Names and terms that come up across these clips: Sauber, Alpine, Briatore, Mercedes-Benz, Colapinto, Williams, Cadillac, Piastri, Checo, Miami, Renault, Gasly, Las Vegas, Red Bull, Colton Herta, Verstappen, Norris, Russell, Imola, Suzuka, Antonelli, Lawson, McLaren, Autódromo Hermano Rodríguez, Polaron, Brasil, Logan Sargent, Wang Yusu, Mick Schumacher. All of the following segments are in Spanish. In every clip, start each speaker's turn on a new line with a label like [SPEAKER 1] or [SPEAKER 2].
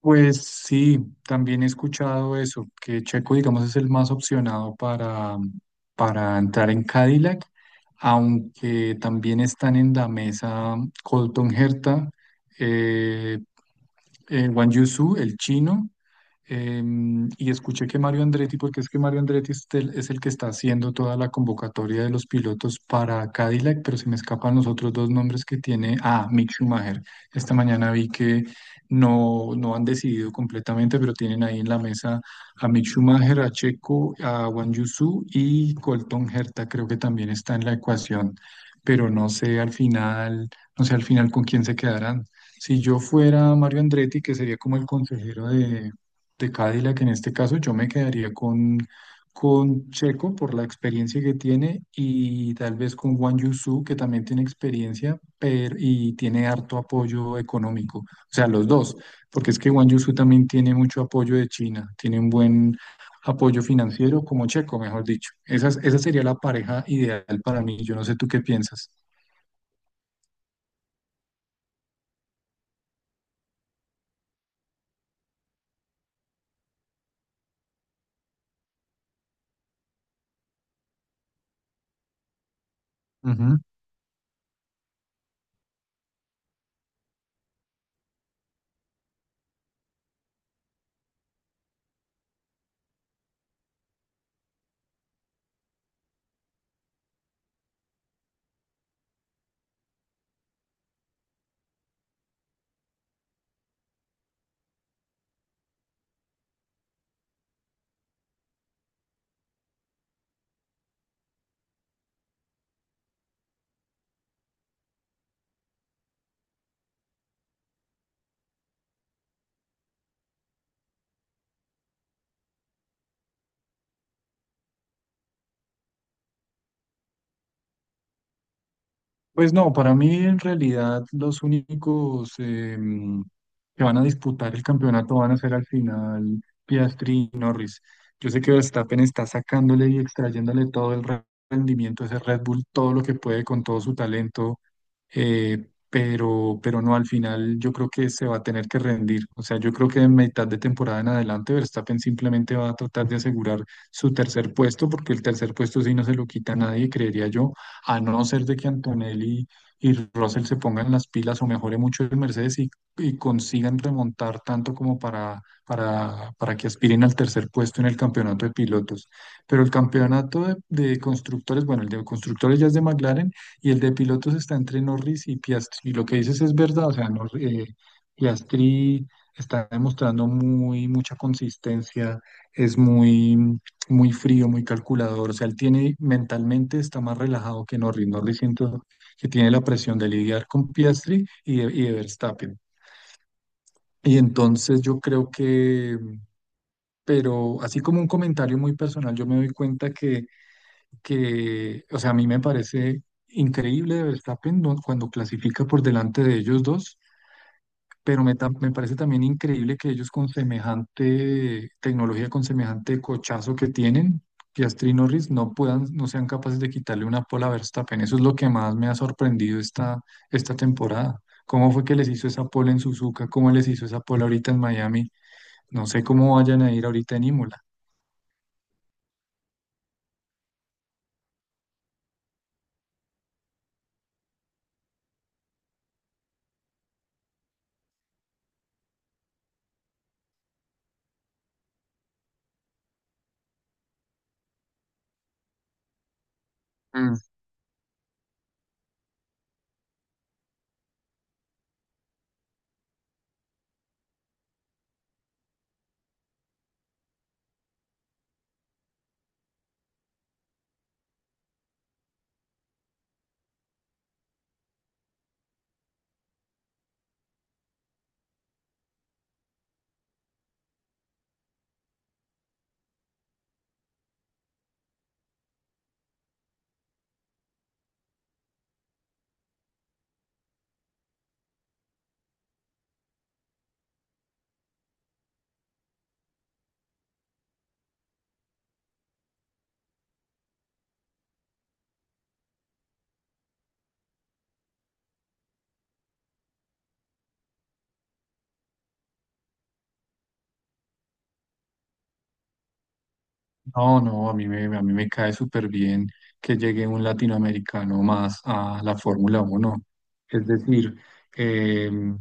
[SPEAKER 1] Pues sí, también he escuchado eso, que Checo, digamos, es el más opcionado para entrar en Cadillac, aunque también están en la mesa Colton Herta, eh, Wang Yusu, el chino, eh, y escuché que Mario Andretti, porque es que Mario Andretti es el que está haciendo toda la convocatoria de los pilotos para Cadillac, pero se me escapan los otros dos nombres que tiene. Ah, Mick Schumacher. Esta mañana vi que no han decidido completamente, pero tienen ahí en la mesa a Mick Schumacher, a Checo, a Wang Yusu y Colton Herta, creo que también está en la ecuación, pero no sé al final con quién se quedarán. Si yo fuera Mario Andretti, que sería como el consejero de Cadillac en este caso, yo me quedaría con Checo por la experiencia que tiene y tal vez con Wang Yusu, que también tiene experiencia pero, y tiene harto apoyo económico. O sea, los dos, porque es que Wang Yusu también tiene mucho apoyo de China, tiene un buen apoyo financiero como Checo, mejor dicho. Esa sería la pareja ideal para mí. Yo no sé tú qué piensas. Pues no, para mí en realidad los únicos em, que van a disputar el campeonato van a ser al final Piastri y Norris. Yo sé que Verstappen está sacándole y extrayéndole todo el rendimiento a ese Red Bull, todo lo que puede con todo su talento, pero no, al final yo creo que se va a tener que rendir. O sea, yo creo que en mitad de temporada en adelante Verstappen simplemente va a tratar de asegurar su tercer puesto, porque el tercer puesto sí no se lo quita a nadie, creería yo a no ser de que Antonelli y Russell se pongan las pilas o mejore mucho el Mercedes y consigan remontar tanto como para que aspiren al tercer puesto en el campeonato de pilotos. Pero el campeonato de constructores, bueno, el de constructores ya es de McLaren y el de pilotos está entre Norris y Piastri. Lo que dices es verdad, o sea, Piastri está demostrando muy mucha consistencia, es muy frío, muy calculador. O sea, él tiene mentalmente está más relajado que Norris. Norris siento que tiene la presión de lidiar con Piastri y de Verstappen. Y entonces yo creo que, pero así como un comentario muy personal, yo me doy cuenta que o sea, a mí me parece increíble de Verstappen, ¿no?, cuando clasifica por delante de ellos dos pero me parece también increíble que ellos con semejante tecnología, con semejante cochazo que tienen, Piastri y Norris, no puedan, no sean capaces de quitarle una pole a Verstappen. Eso es lo que más me ha sorprendido esta temporada. ¿Cómo fue que les hizo esa pole en Suzuka? ¿Cómo les hizo esa pole ahorita en Miami? No sé cómo vayan a ir ahorita en Imola. Mm. No, no, a mí a mí me cae súper bien que llegue un latinoamericano más a la Fórmula Uno. Es decir, em,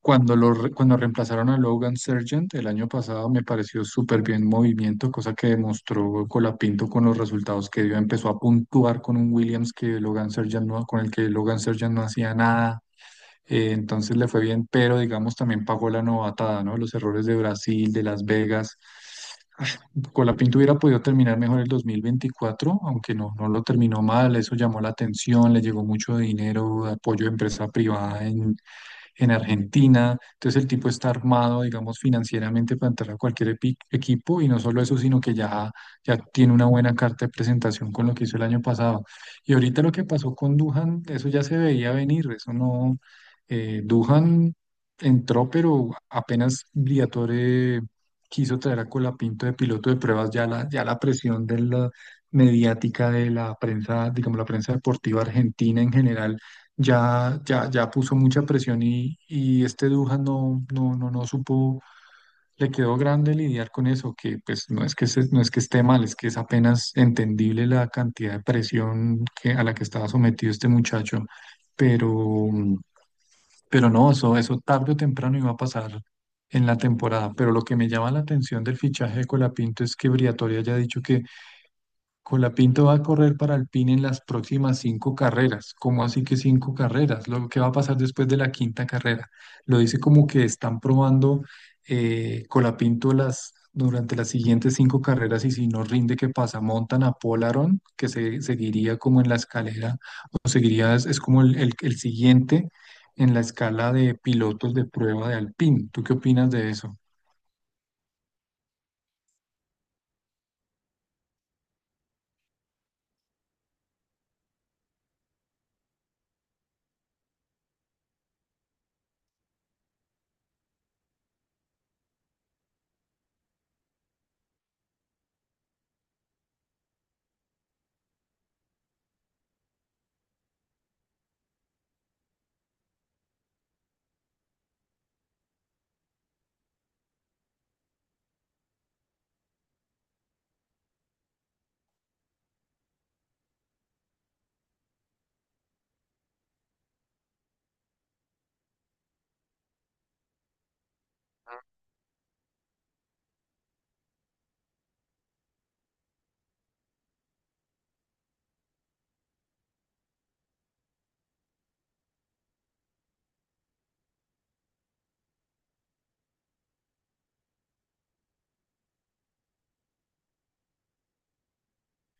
[SPEAKER 1] Cuando reemplazaron a Logan Sargent el año pasado, me pareció súper bien movimiento, cosa que demostró Colapinto con los resultados que dio. Empezó a puntuar con un Williams que Logan Sargent no, con el que Logan Sargent no hacía nada. Entonces le fue bien, pero digamos también pagó la novatada, ¿no? Los errores de Brasil, de Las Vegas. Ah, Colapinto hubiera podido terminar mejor el 2024, aunque no lo terminó mal. Eso llamó la atención, le llegó mucho dinero, apoyo de empresa privada en Argentina. Entonces el tipo está armado, digamos, financieramente para entrar a cualquier equipo y no solo eso, sino que ya tiene una buena carta de presentación con lo que hizo el año pasado. Y ahorita lo que pasó con Dujan, eso ya se veía venir, eso no, Dujan entró, pero apenas Briatore quiso traer a Colapinto de piloto de pruebas, ya la presión de la mediática de la prensa, digamos, la prensa deportiva argentina en general ya puso mucha presión y este Dujan no supo, le quedó grande lidiar con eso, que pues no es que no es que esté mal, es que es apenas entendible la cantidad de presión a la que estaba sometido este muchacho, pero, pero no, eso tarde o temprano iba a pasar en la temporada, pero lo que me llama la atención del fichaje de Colapinto es que Briatore haya dicho que Colapinto va a correr para Alpine en las próximas cinco carreras. ¿Cómo así que cinco carreras? Lo que va a pasar después de la quinta carrera. Lo dice como que están probando Colapinto durante las siguientes cinco carreras y si no rinde, ¿qué pasa? Montan a Polaron, seguiría como en la escalera, o seguiría, es como el siguiente en la escala de pilotos de prueba de Alpine. ¿Tú qué opinas de eso?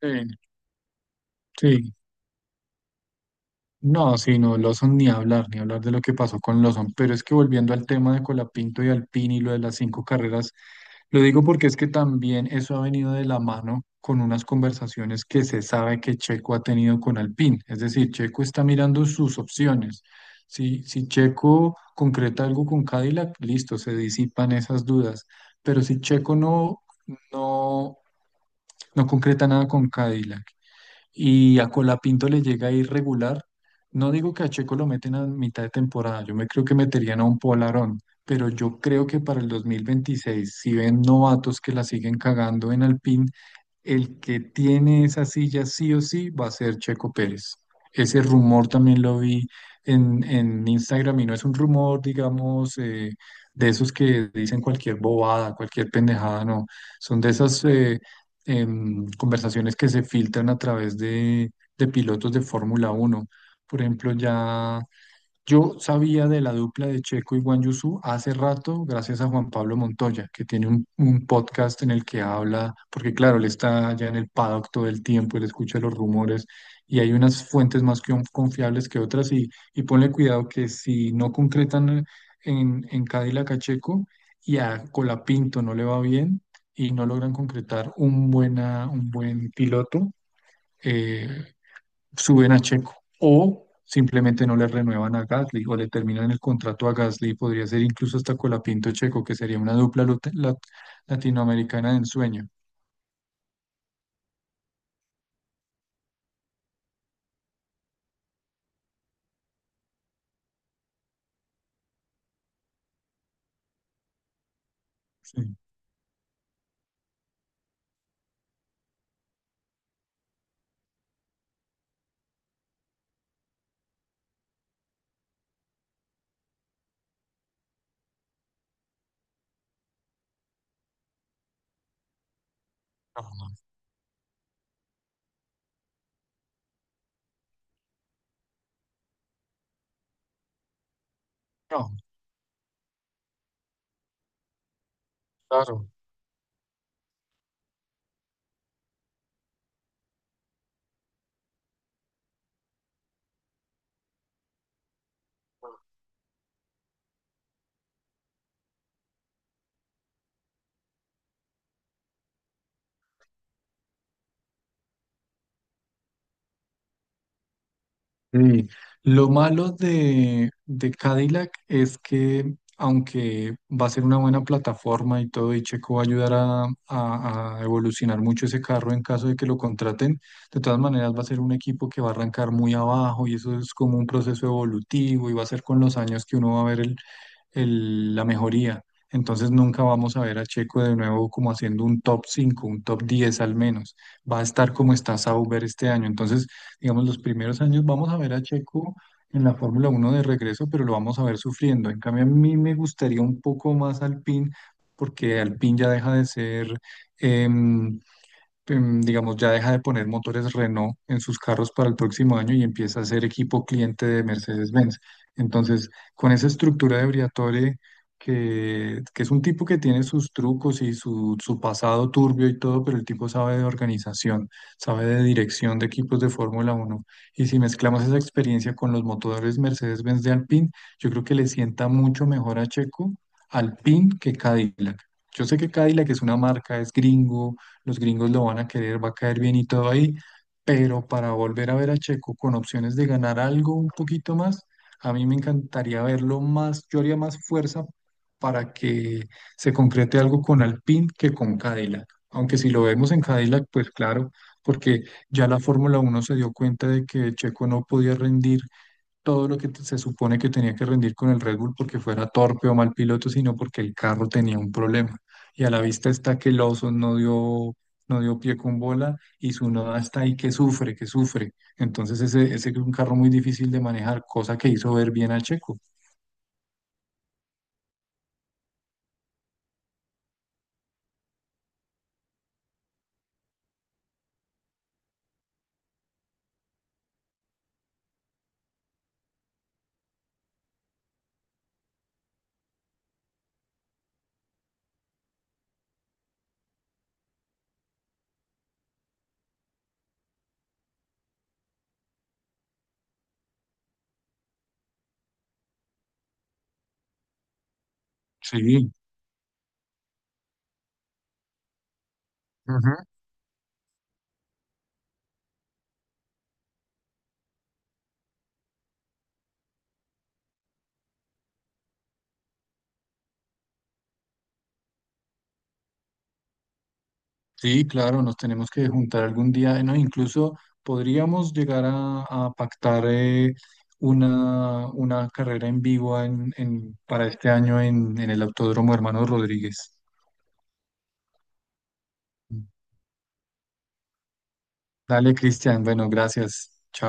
[SPEAKER 1] Sí, sí. No, sí, no, Lawson ni hablar, ni hablar de lo que pasó con Lawson, pero es que volviendo al tema de Colapinto y Alpine y lo de las cinco carreras, lo digo porque es que también eso ha venido de la mano con unas conversaciones que se sabe que Checo ha tenido con Alpine, es decir, Checo está mirando sus opciones. Si Checo concreta algo con Cadillac, listo, se disipan esas dudas, pero si Checo no, no, no concreta nada con Cadillac y a Colapinto le llega irregular. No digo que a Checo lo meten a mitad de temporada, yo me creo que meterían a un Polarón, pero yo creo que para el 2026, si ven novatos que la siguen cagando en Alpine, el que tiene esa silla sí o sí va a ser Checo Pérez. Ese rumor también lo vi en Instagram y no es un rumor, digamos, de esos que dicen cualquier bobada, cualquier pendejada, no. Son de esas conversaciones que se filtran a través de pilotos de Fórmula Uno. Por ejemplo, yo sabía de la dupla de Checo y Guan Yusu hace rato, gracias a Juan Pablo Montoya, que tiene un podcast en el que habla, porque claro, él está ya en el paddock todo el tiempo, él escucha los rumores y hay unas fuentes más que confiables que otras y ponle cuidado que si no concretan en Cadillac a Checo y a Colapinto no le va bien y no logran concretar un buen piloto. eh, Suben a Checo o simplemente no le renuevan a Gasly o le terminan el contrato a Gasly, podría ser incluso hasta Colapinto Checo, que sería una dupla latinoamericana de ensueño. Sí, no, no, no, claro. Sí, lo malo de Cadillac es que aunque va a ser una buena plataforma y todo, y Checo va a ayudar a evolucionar mucho ese carro en caso de que lo contraten, de todas maneras va a ser un equipo que va a arrancar muy abajo y eso es como un proceso evolutivo y va a ser con los años que uno va a ver la mejoría. Entonces nunca vamos a ver a Checo de nuevo como haciendo un top 5 un top 10 al menos. Va a estar como está Sauber este año. Entonces, digamos, los primeros años vamos a ver a Checo en la Fórmula Uno de regreso, pero lo vamos a ver sufriendo. En cambio, a mí me gustaría un poco más Alpine, porque Alpine ya deja de ser, em, digamos, ya deja de poner motores Renault en sus carros para el próximo año y empieza a ser equipo cliente de Mercedes-Benz. Entonces, con esa estructura de Briatore, que es un tipo que tiene sus trucos y su pasado turbio y todo, pero el tipo sabe de organización, sabe de dirección de equipos de Fórmula Uno. Y si mezclamos esa experiencia con los motores Mercedes-Benz de Alpine, yo creo que le sienta mucho mejor a Checo Alpine que Cadillac. Yo sé que Cadillac es una marca, es gringo, los gringos lo van a querer, va a caer bien y todo ahí, pero para volver a ver a Checo con opciones de ganar algo un poquito más, a mí me encantaría verlo más, yo haría más fuerza para que se concrete algo con Alpine que con Cadillac, aunque si lo vemos en Cadillac, pues claro, porque ya la Fórmula Uno se dio cuenta de que Checo no podía rendir todo lo que se supone que tenía que rendir con el Red Bull porque fuera torpe o mal piloto, sino porque el carro tenía un problema. Y a la vista está que Lawson no dio pie con bola y su noda está ahí que sufre, que sufre. Entonces ese es un carro muy difícil de manejar, cosa que hizo ver bien a Checo. Sí. Ujú. Sí, claro, nos tenemos que juntar algún día, ¿no? Incluso podríamos llegar a pactar una carrera en vivo para este año en el Autódromo Hermano Rodríguez. Dale, Cristian, bueno, gracias. Chao.